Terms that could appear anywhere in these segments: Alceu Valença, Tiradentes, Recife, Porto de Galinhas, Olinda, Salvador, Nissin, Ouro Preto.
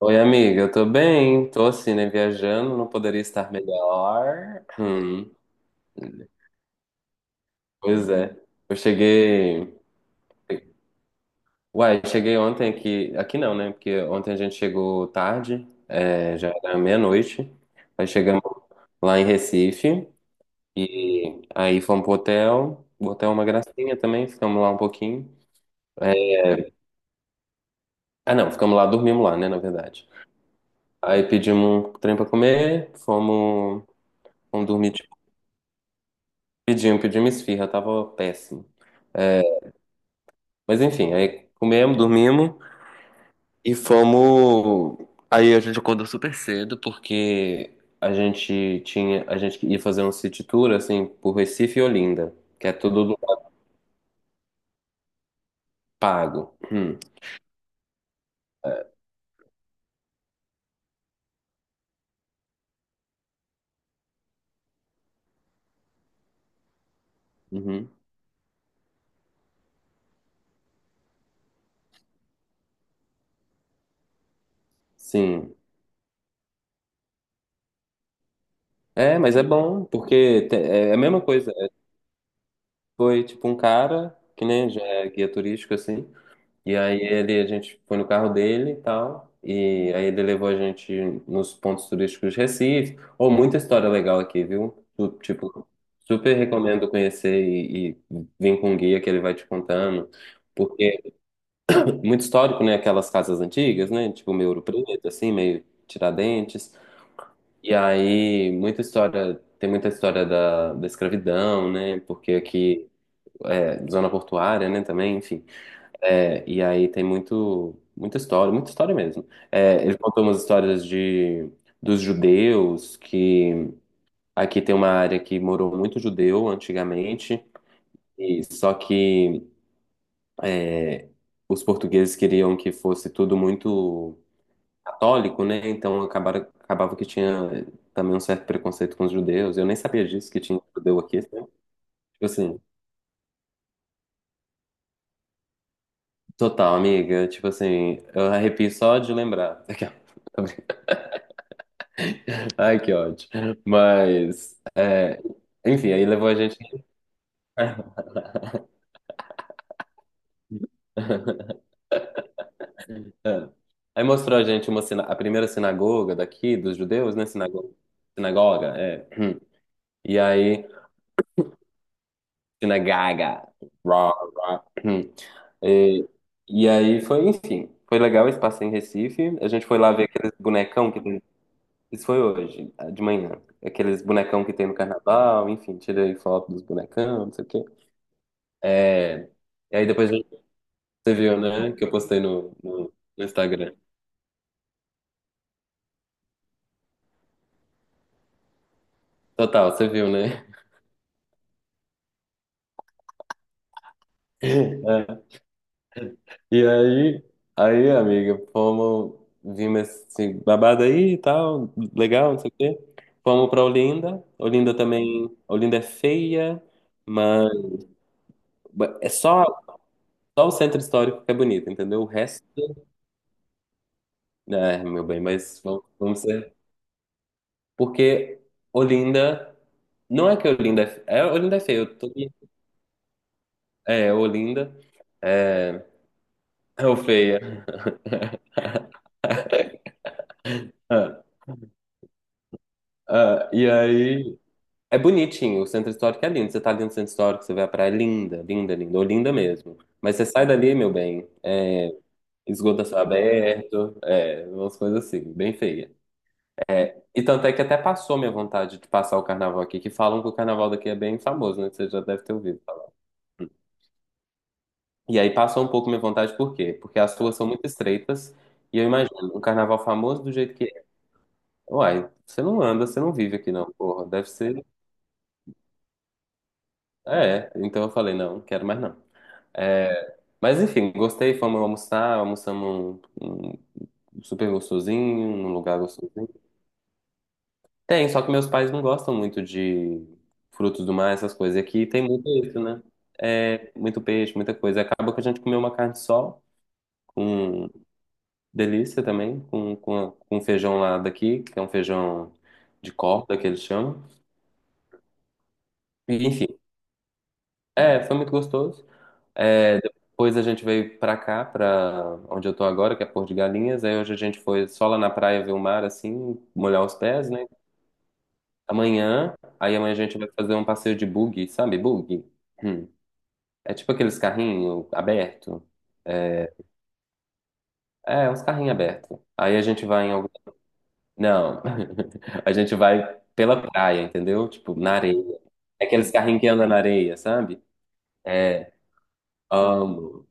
Oi, amiga, eu tô bem, tô assim, né, viajando, não poderia estar melhor. Pois é, eu cheguei, cheguei ontem aqui, aqui não, né, porque ontem a gente chegou tarde, é, já era meia-noite, aí chegamos lá em Recife, e aí fomos pro hotel, o hotel é uma gracinha também, ficamos lá um pouquinho. Ah, não, ficamos lá, dormimos lá, né, na verdade. Aí pedimos um trem pra comer, fomos, fomos dormir, tipo, pedimos esfirra, tava péssimo. Mas enfim, aí comemos, dormimos e fomos. Aí a gente acordou super cedo porque a gente ia fazer um city tour assim por Recife e Olinda, que é tudo pago. Uhum, sim. É, mas é bom porque é a mesma coisa. É, Foi tipo um cara que nem já é guia turístico assim. E aí a gente foi no carro dele e tal. E aí ele levou a gente nos pontos turísticos de Recife. Ou muita história legal aqui, viu? Tipo, super recomendo conhecer e, vir com um guia que ele vai te contando. Porque é muito histórico, né? Aquelas casas antigas, né? Tipo meio Ouro Preto, assim, meio Tiradentes. E aí, muita história, tem muita história da escravidão, né? Porque aqui é zona portuária, né? Também, enfim. É, e aí tem muito, muita história mesmo. É, ele contou umas histórias dos judeus, que aqui tem uma área que morou muito judeu antigamente, e só que os portugueses queriam que fosse tudo muito católico, né? Então acabaram, acabava que tinha também um certo preconceito com os judeus. Eu nem sabia disso, que tinha judeu aqui, sabe? Tipo assim, total, amiga. Tipo assim, eu arrepio só de lembrar. Ai, que ódio. Mas, é, enfim, aí levou a gente. É. Aí mostrou a gente uma a primeira sinagoga daqui, dos judeus, né? Sinagoga. Sinagoga, é. E aí, sinagoga. Rá, rá. E, e aí foi, enfim, foi legal esse passeio em Recife. A gente foi lá ver aqueles bonecão que tem. Isso foi hoje, de manhã. Aqueles bonecão que tem no carnaval, enfim, tirei foto dos bonecão, não sei o quê. É. E aí depois você viu, né? Que eu postei no, no, no Instagram. Total, você viu, né? É. E aí, amiga, fomos, vimos esse babado aí e tal, legal, não sei o quê. Fomos pra Olinda. Olinda também, Olinda é feia, mas é só o centro histórico que é bonito, entendeu? O resto, né, é, meu bem, mas vamos, vamos ser. Porque Olinda, não é que Olinda é, Olinda é feia, eu tô, é, Olinda é, é o feia. Ah, ah, e aí, é bonitinho, o centro histórico é lindo. Você tá ali no centro histórico, você vê a praia é linda, linda, linda, ou linda mesmo. Mas você sai dali, meu bem, é, esgoto a céu aberto, é, umas coisas assim, bem feia. É, e tanto é que até passou minha vontade de passar o carnaval aqui, que falam que o carnaval daqui é bem famoso, né? Que você já deve ter ouvido falar. E aí passou um pouco minha vontade, por quê? Porque as ruas são muito estreitas, e eu imagino, um carnaval famoso do jeito que é. Uai, você não anda, você não vive aqui não, porra. Deve ser. É, então eu falei, não, não quero mais não. É, mas enfim, gostei, fomos almoçar, almoçamos um super gostosinho, num lugar gostosinho. Tem, só que meus pais não gostam muito de frutos do mar, essas coisas. E aqui tem muito isso, né? É, muito peixe, muita coisa. Acaba que a gente comeu uma carne sol, com delícia também, com feijão lá daqui, que é um feijão de corda que eles chamam. E, enfim, é, foi muito gostoso. É, depois a gente veio pra cá, pra onde eu tô agora, que é Porto de Galinhas. Aí hoje a gente foi só lá na praia ver o mar, assim, molhar os pés, né? Amanhã, aí amanhã a gente vai fazer um passeio de buggy, sabe? Buggy? Hum. É tipo aqueles carrinhos abertos. É, é uns carrinhos abertos. Aí a gente vai em algum... Não, a gente vai pela praia, entendeu? Tipo, na areia. É aqueles carrinhos que andam na areia, sabe? Amo.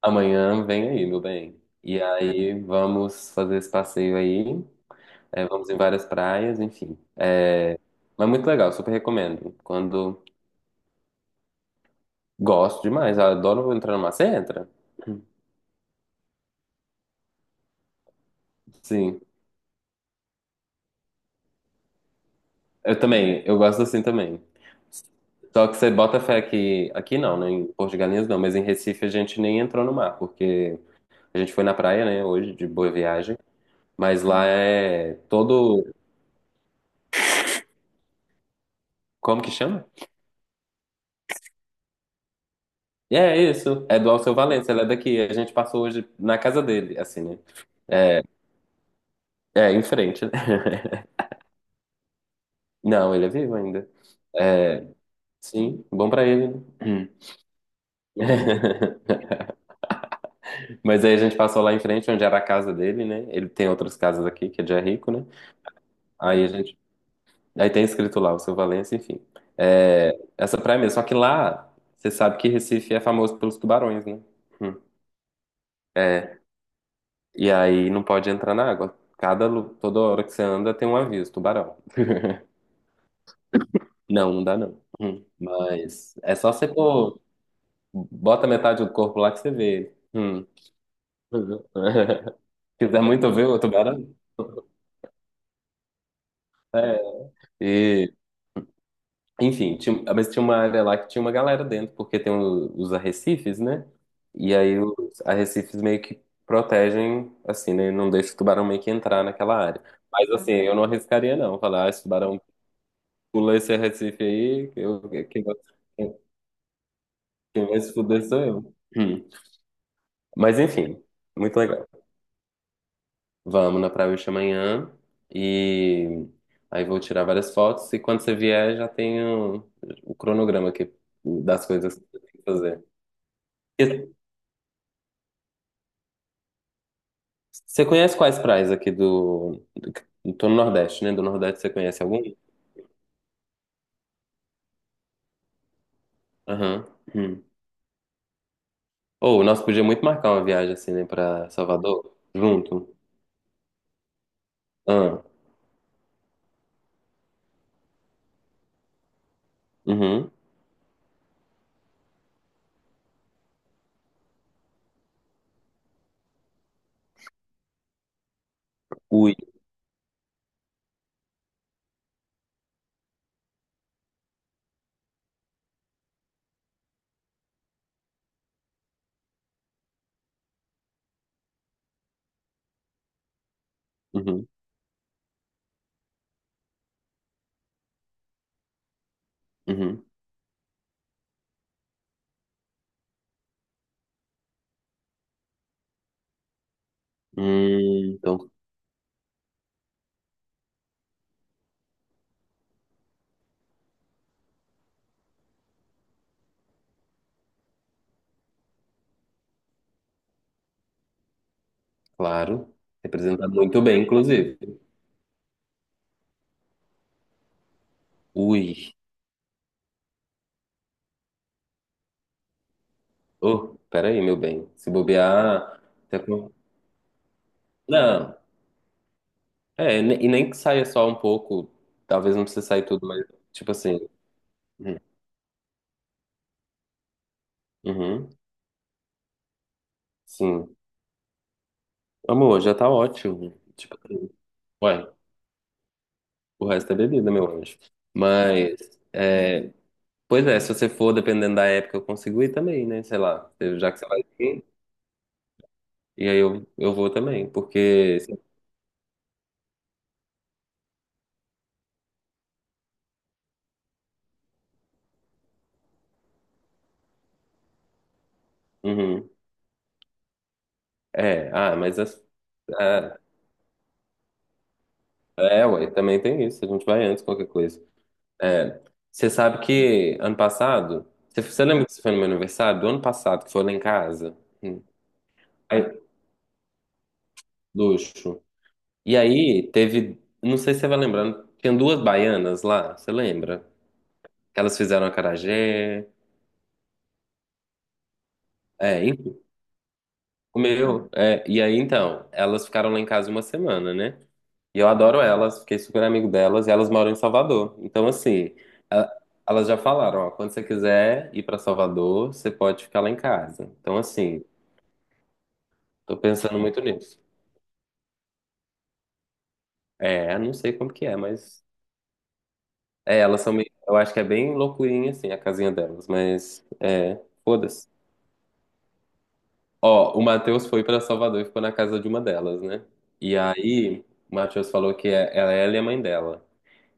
Amanhã vem aí, meu bem. E aí vamos fazer esse passeio aí. É, vamos em várias praias, enfim. Mas muito legal, super recomendo. Quando gosto demais, eu adoro entrar numa. Você entra? Sim. Eu também, eu gosto assim também. Só que você bota fé que aqui não, né? Em Porto de Galinhas não, mas em Recife a gente nem entrou no mar, porque a gente foi na praia, né, hoje, de boa viagem. Mas lá é todo. Como que chama? E é isso, é do Alceu Valença, ele é daqui. A gente passou hoje na casa dele, assim, né? É, em frente, né? Não, ele é vivo ainda. É, sim, bom pra ele, né? Mas aí a gente passou lá em frente, onde era a casa dele, né? Ele tem outras casas aqui, que é de é rico, né? Aí a gente. Aí tem escrito lá, Alceu Valença, enfim. É, essa praia mesmo. Só que lá, você sabe que Recife é famoso pelos tubarões, né? Hum. E aí não pode entrar na água. Toda hora que você anda tem um aviso, tubarão. Não, não dá não. Hum. Mas é só você bota metade do corpo lá que você vê. Hum. Quiser muito ver o tubarão? É. E, enfim, mas tinha uma área lá que tinha uma galera dentro, porque tem os arrecifes, né? E aí os arrecifes meio que protegem, assim, né? Não deixa o tubarão meio que entrar naquela área. Mas assim, eu não arriscaria não, falar, ah, esse tubarão pula esse arrecife aí, quem vai se fuder sou eu. Hum. Mas enfim, muito legal. Vamos na praia hoje amanhã e aí vou tirar várias fotos e quando você vier já tenho o cronograma aqui das coisas que eu tenho que fazer. E você conhece quais praias aqui do... Tô no Nordeste, né? Do Nordeste você conhece algum? Aham. Hum. Ou nós podíamos muito marcar uma viagem assim, né, pra Salvador junto. Ah, uhum. Ui. Uhum. Uhum. Então, claro. Representa muito bem, inclusive. Ui. Oh, peraí, meu bem. Se bobear. tá com- Não, é, e nem que saia só um pouco. Talvez não precise sair tudo, mas, tipo assim. Uhum, uhum, sim. Amor, já tá ótimo. Tipo assim, ué, o resto é bebida, meu anjo. Mas, é, pois é, se você for, dependendo da época, eu consigo ir também, né? Sei lá, já que você vai ir, e aí eu vou também, porque. Uhum, é, ah, mas. Ah, é, ué, também tem isso. A gente vai antes, qualquer coisa. É, você sabe que ano passado, você lembra que você foi no meu aniversário? Do ano passado, que foi lá em casa? Hum. Aí, luxo. E aí teve, não sei se você vai lembrando, tinha duas baianas lá, você lembra? Elas fizeram acarajé, é, enfim, comeu. É, e aí então, elas ficaram lá em casa uma semana, né? E eu adoro elas, fiquei super amigo delas, e elas moram em Salvador. Então assim, a- elas já falaram, ó, quando você quiser ir pra Salvador, você pode ficar lá em casa. Então assim, tô pensando muito nisso. É, não sei como que é, mas. É, elas são meio. Eu acho que é bem loucurinha, assim, a casinha delas, mas. É, foda-se. Ó, o Matheus foi pra Salvador e ficou na casa de uma delas, né? E aí, o Matheus falou que é, ela e a mãe dela.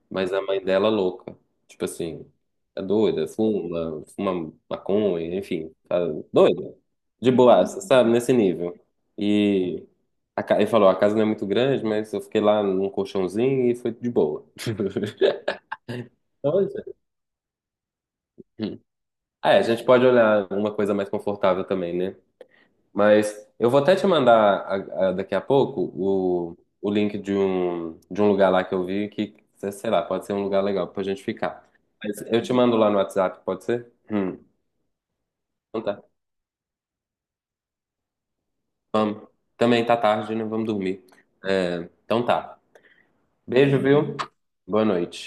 Mas a mãe dela é louca. Tipo assim, é doida, fuma maconha, enfim, tá doida. De boaça, sabe? Nesse nível. E a ele falou, a casa não é muito grande, mas eu fiquei lá num colchãozinho e foi de boa. Então, é. Ah, é, a gente pode olhar uma coisa mais confortável também, né? Mas eu vou até te mandar daqui a pouco o link de um lugar lá que eu vi que, sei lá, pode ser um lugar legal pra gente ficar. Mas eu te mando lá no WhatsApp, pode ser? Então tá. Também tá tarde, né? Vamos dormir. É, então tá. Beijo, viu? Boa noite.